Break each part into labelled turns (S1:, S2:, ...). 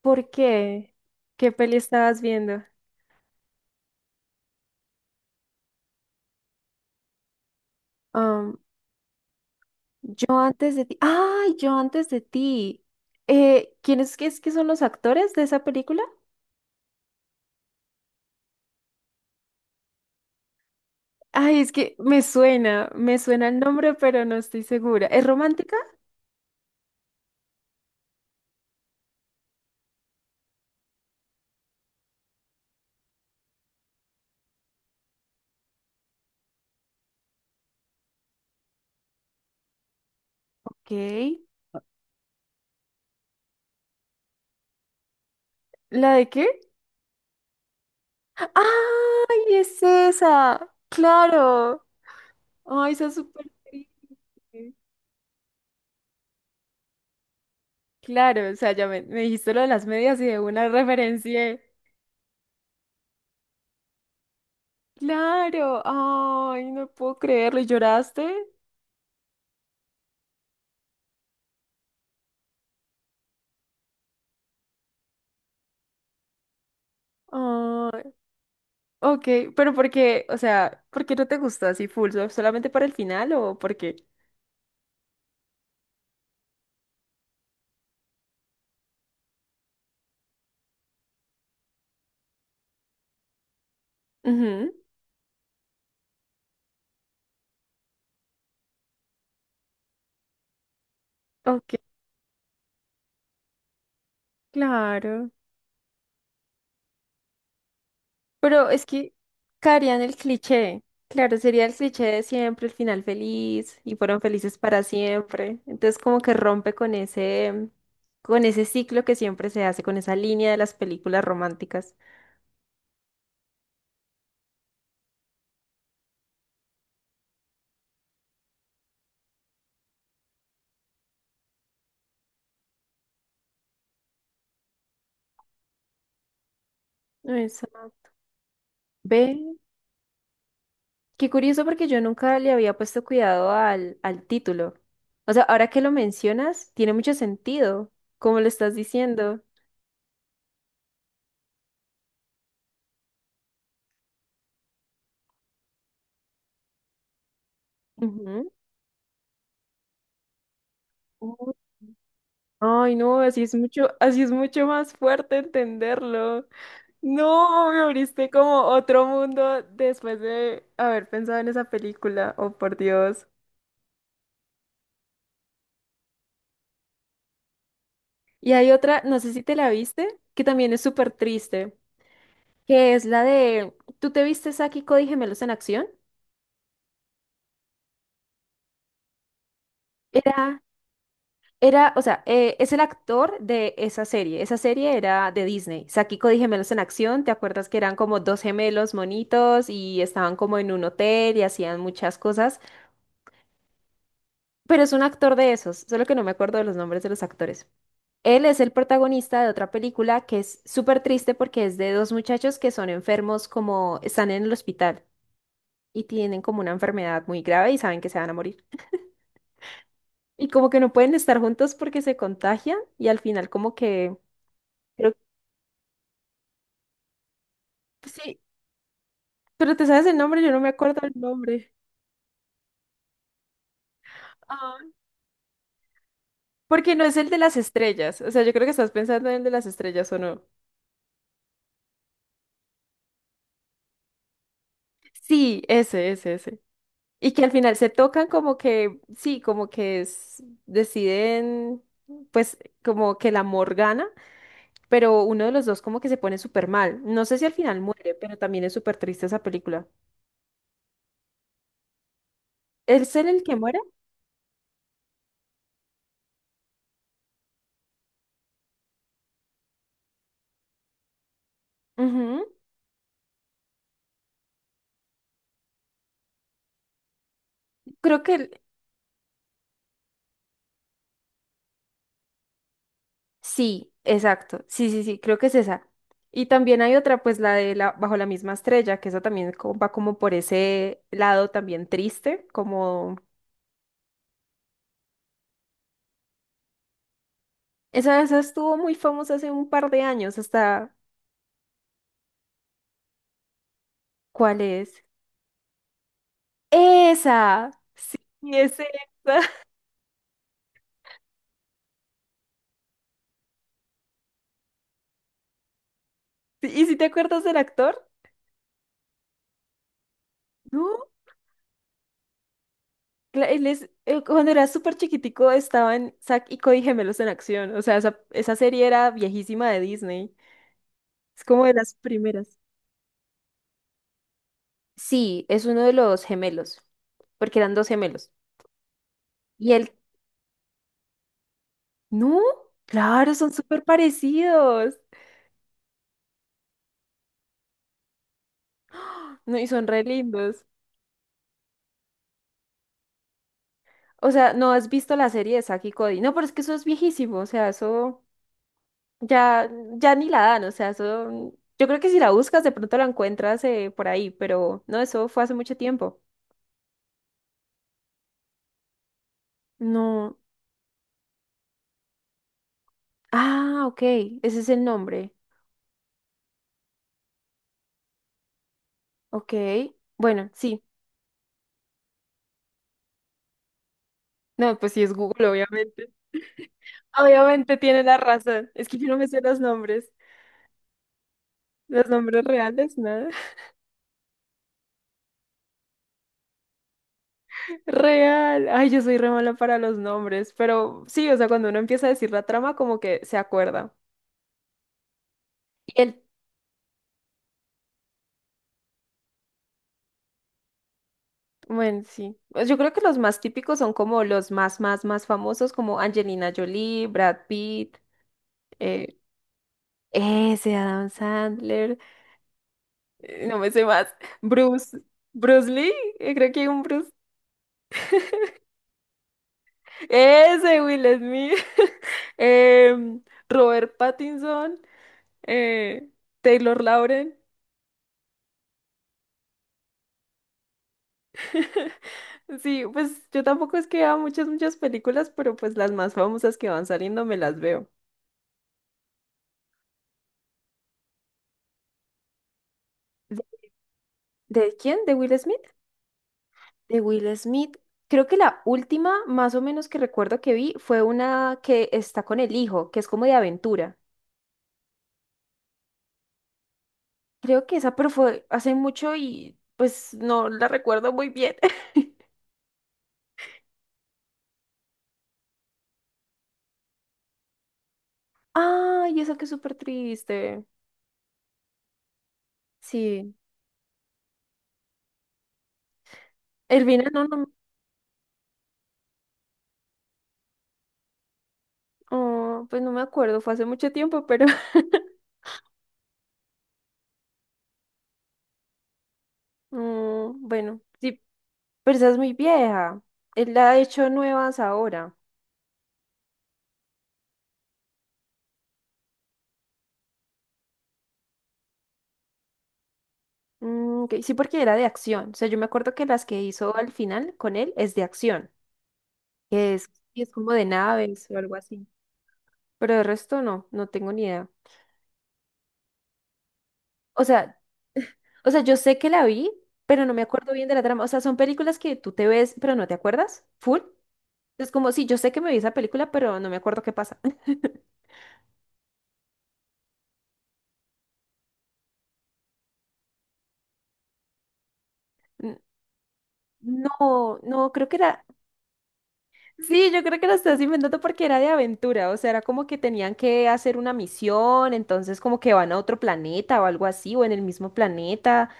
S1: ¿Por qué? ¿Qué peli estabas viendo? Am, yo antes de ti. ¡Ay, yo antes de ti! ¿Quiénes que es que son los actores de esa película? Ay, es que me suena el nombre, pero no estoy segura. ¿Es romántica? Ok. ¿La de qué? ¡Ay, es esa! ¡Claro! ¡Ay, esa es súper triste! Claro, o sea, ya me dijiste lo de las medias y de una referencié. ¡Claro! ¡Ay, no puedo creerlo! ¿Y lloraste? ¡Ay! Ok, pero ¿por qué? O sea, ¿por qué no te gustó así full? ¿Solamente para el final o por qué? Ujú. Ok, claro. Pero es que caería en el cliché. Claro, sería el cliché de siempre, el final feliz, y fueron felices para siempre. Entonces, como que rompe con ese ciclo que siempre se hace, con esa línea de las películas románticas. Exacto. Ve, qué curioso porque yo nunca le había puesto cuidado al título. O sea, ahora que lo mencionas, tiene mucho sentido, como lo estás diciendo. Ujú. Uy, ay, no, así es mucho más fuerte entenderlo. No, me abriste como otro mundo después de haber pensado en esa película. Oh, por Dios. Y hay otra, no sé si te la viste, que también es súper triste, que es la de, ¿tú te viste Saki y Cody Gemelos en Acción? Era, era, o sea, es el actor de esa serie. Esa serie era de Disney. Saki y Cody Gemelos en Acción, ¿te acuerdas que eran como dos gemelos monitos y estaban como en un hotel y hacían muchas cosas? Pero es un actor de esos, solo que no me acuerdo de los nombres de los actores. Él es el protagonista de otra película que es súper triste porque es de dos muchachos que son enfermos como están en el hospital y tienen como una enfermedad muy grave y saben que se van a morir. Y como que no pueden estar juntos porque se contagian y al final como que... Creo que sí, pero ¿te sabes el nombre? Yo no me acuerdo el nombre. Ah. Porque no es el de las estrellas. O sea, yo creo que estás pensando en el de las estrellas, ¿o no? Sí, ese, ese. Y que al final se tocan como que, sí, como que deciden, pues como que el amor gana, pero uno de los dos como que se pone súper mal. No sé si al final muere, pero también es súper triste esa película. ¿Es él el que muere? Ujú. Creo que el- sí, exacto. Sí, sí, sí, creo que es esa. Y también hay otra, pues la de la, Bajo la misma estrella, que esa también va como por ese lado también triste, como... Esa estuvo muy famosa hace un par de años, hasta... ¿Cuál es? Esa, sí, es esa. Sí, ¿y si te acuerdas del actor? No, él es, él cuando era súper chiquitico estaba en Zack y Cody Gemelos en Acción. O sea, esa serie era viejísima de Disney. Es como de las primeras. Sí, es uno de los gemelos, porque eran dos gemelos. Y él, no, claro, son súper parecidos. No, y son re lindos. O sea, no has visto la serie de Zack y Cody. No, pero es que eso es viejísimo. O sea, eso. Ya, ya ni la dan, o sea, eso, yo creo que si la buscas de pronto la encuentras por ahí, pero no, eso fue hace mucho tiempo. No. Ah, ok, ese es el nombre. Ok, bueno, sí. No, pues sí es Google, obviamente. Obviamente tiene la razón. Es que yo no me sé los nombres. Los nombres reales, nada. Real. Ay, yo soy re mala para los nombres, pero sí, o sea, cuando uno empieza a decir la trama, como que se acuerda. Y el bueno, sí. Pues yo creo que los más típicos son como los más, más, más famosos, como Angelina Jolie, Brad Pitt, eh, ese Adam Sandler, no me sé más, Bruce, Bruce Lee, creo que hay un Bruce, ese Will Smith, em, Robert Pattinson, eh, Taylor Lauren. Sí, pues yo tampoco es que vea muchas, muchas películas, pero pues las más famosas que van saliendo me las veo. ¿De, ¿de quién? ¿De Will Smith? De Will Smith, creo que la última, más o menos que recuerdo que vi, fue una que está con el hijo, que es como de aventura. Creo que esa, pero fue hace mucho y pues no la recuerdo muy bien. Ay, esa que es súper triste. Sí. Elvina, no, oh, pues no me acuerdo, fue hace mucho tiempo, pero bueno, sí, pero esa es muy vieja. Él la ha hecho nuevas ahora. Mm, ok, sí, porque era de acción. O sea, yo me acuerdo que las que hizo al final con él es de acción, que es, y es como de naves o algo así. Pero el resto no, no tengo ni idea. O sea, o sea, yo sé que la vi, pero no me acuerdo bien de la trama. O sea, son películas que tú te ves, pero no te acuerdas, full. Es como, sí, yo sé que me vi esa película, pero no me acuerdo qué pasa. N- No, no, creo que era sí, yo creo que lo estás inventando porque era de aventura, o sea, era como que tenían que hacer una misión, entonces como que van a otro planeta o algo así, o en el mismo planeta,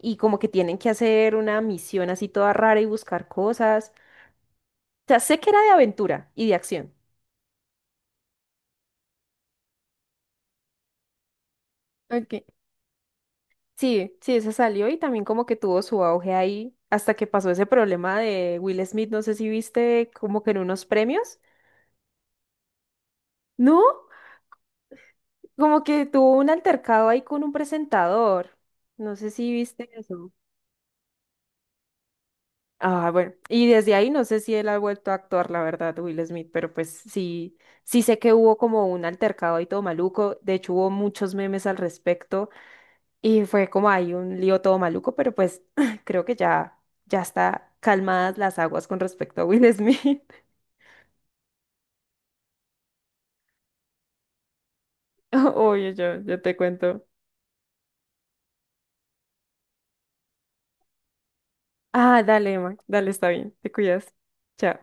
S1: y como que tienen que hacer una misión así toda rara y buscar cosas. O sea, sé que era de aventura y de acción. Ok. Sí, sí, esa salió y también como que tuvo su auge ahí hasta que pasó ese problema de Will Smith, no sé si viste como que en unos premios, ¿no? Como que tuvo un altercado ahí con un presentador, no sé si viste eso. Ah, bueno, y desde ahí no sé si él ha vuelto a actuar, la verdad, Will Smith, pero pues sí, sí sé que hubo como un altercado y todo maluco, de hecho hubo muchos memes al respecto y fue como ahí un lío todo maluco, pero pues creo que ya, ya está calmadas las aguas con respecto a Will Smith. Oye, yo te cuento. Ah, dale, Emma, dale, está bien, te cuidas. Chao.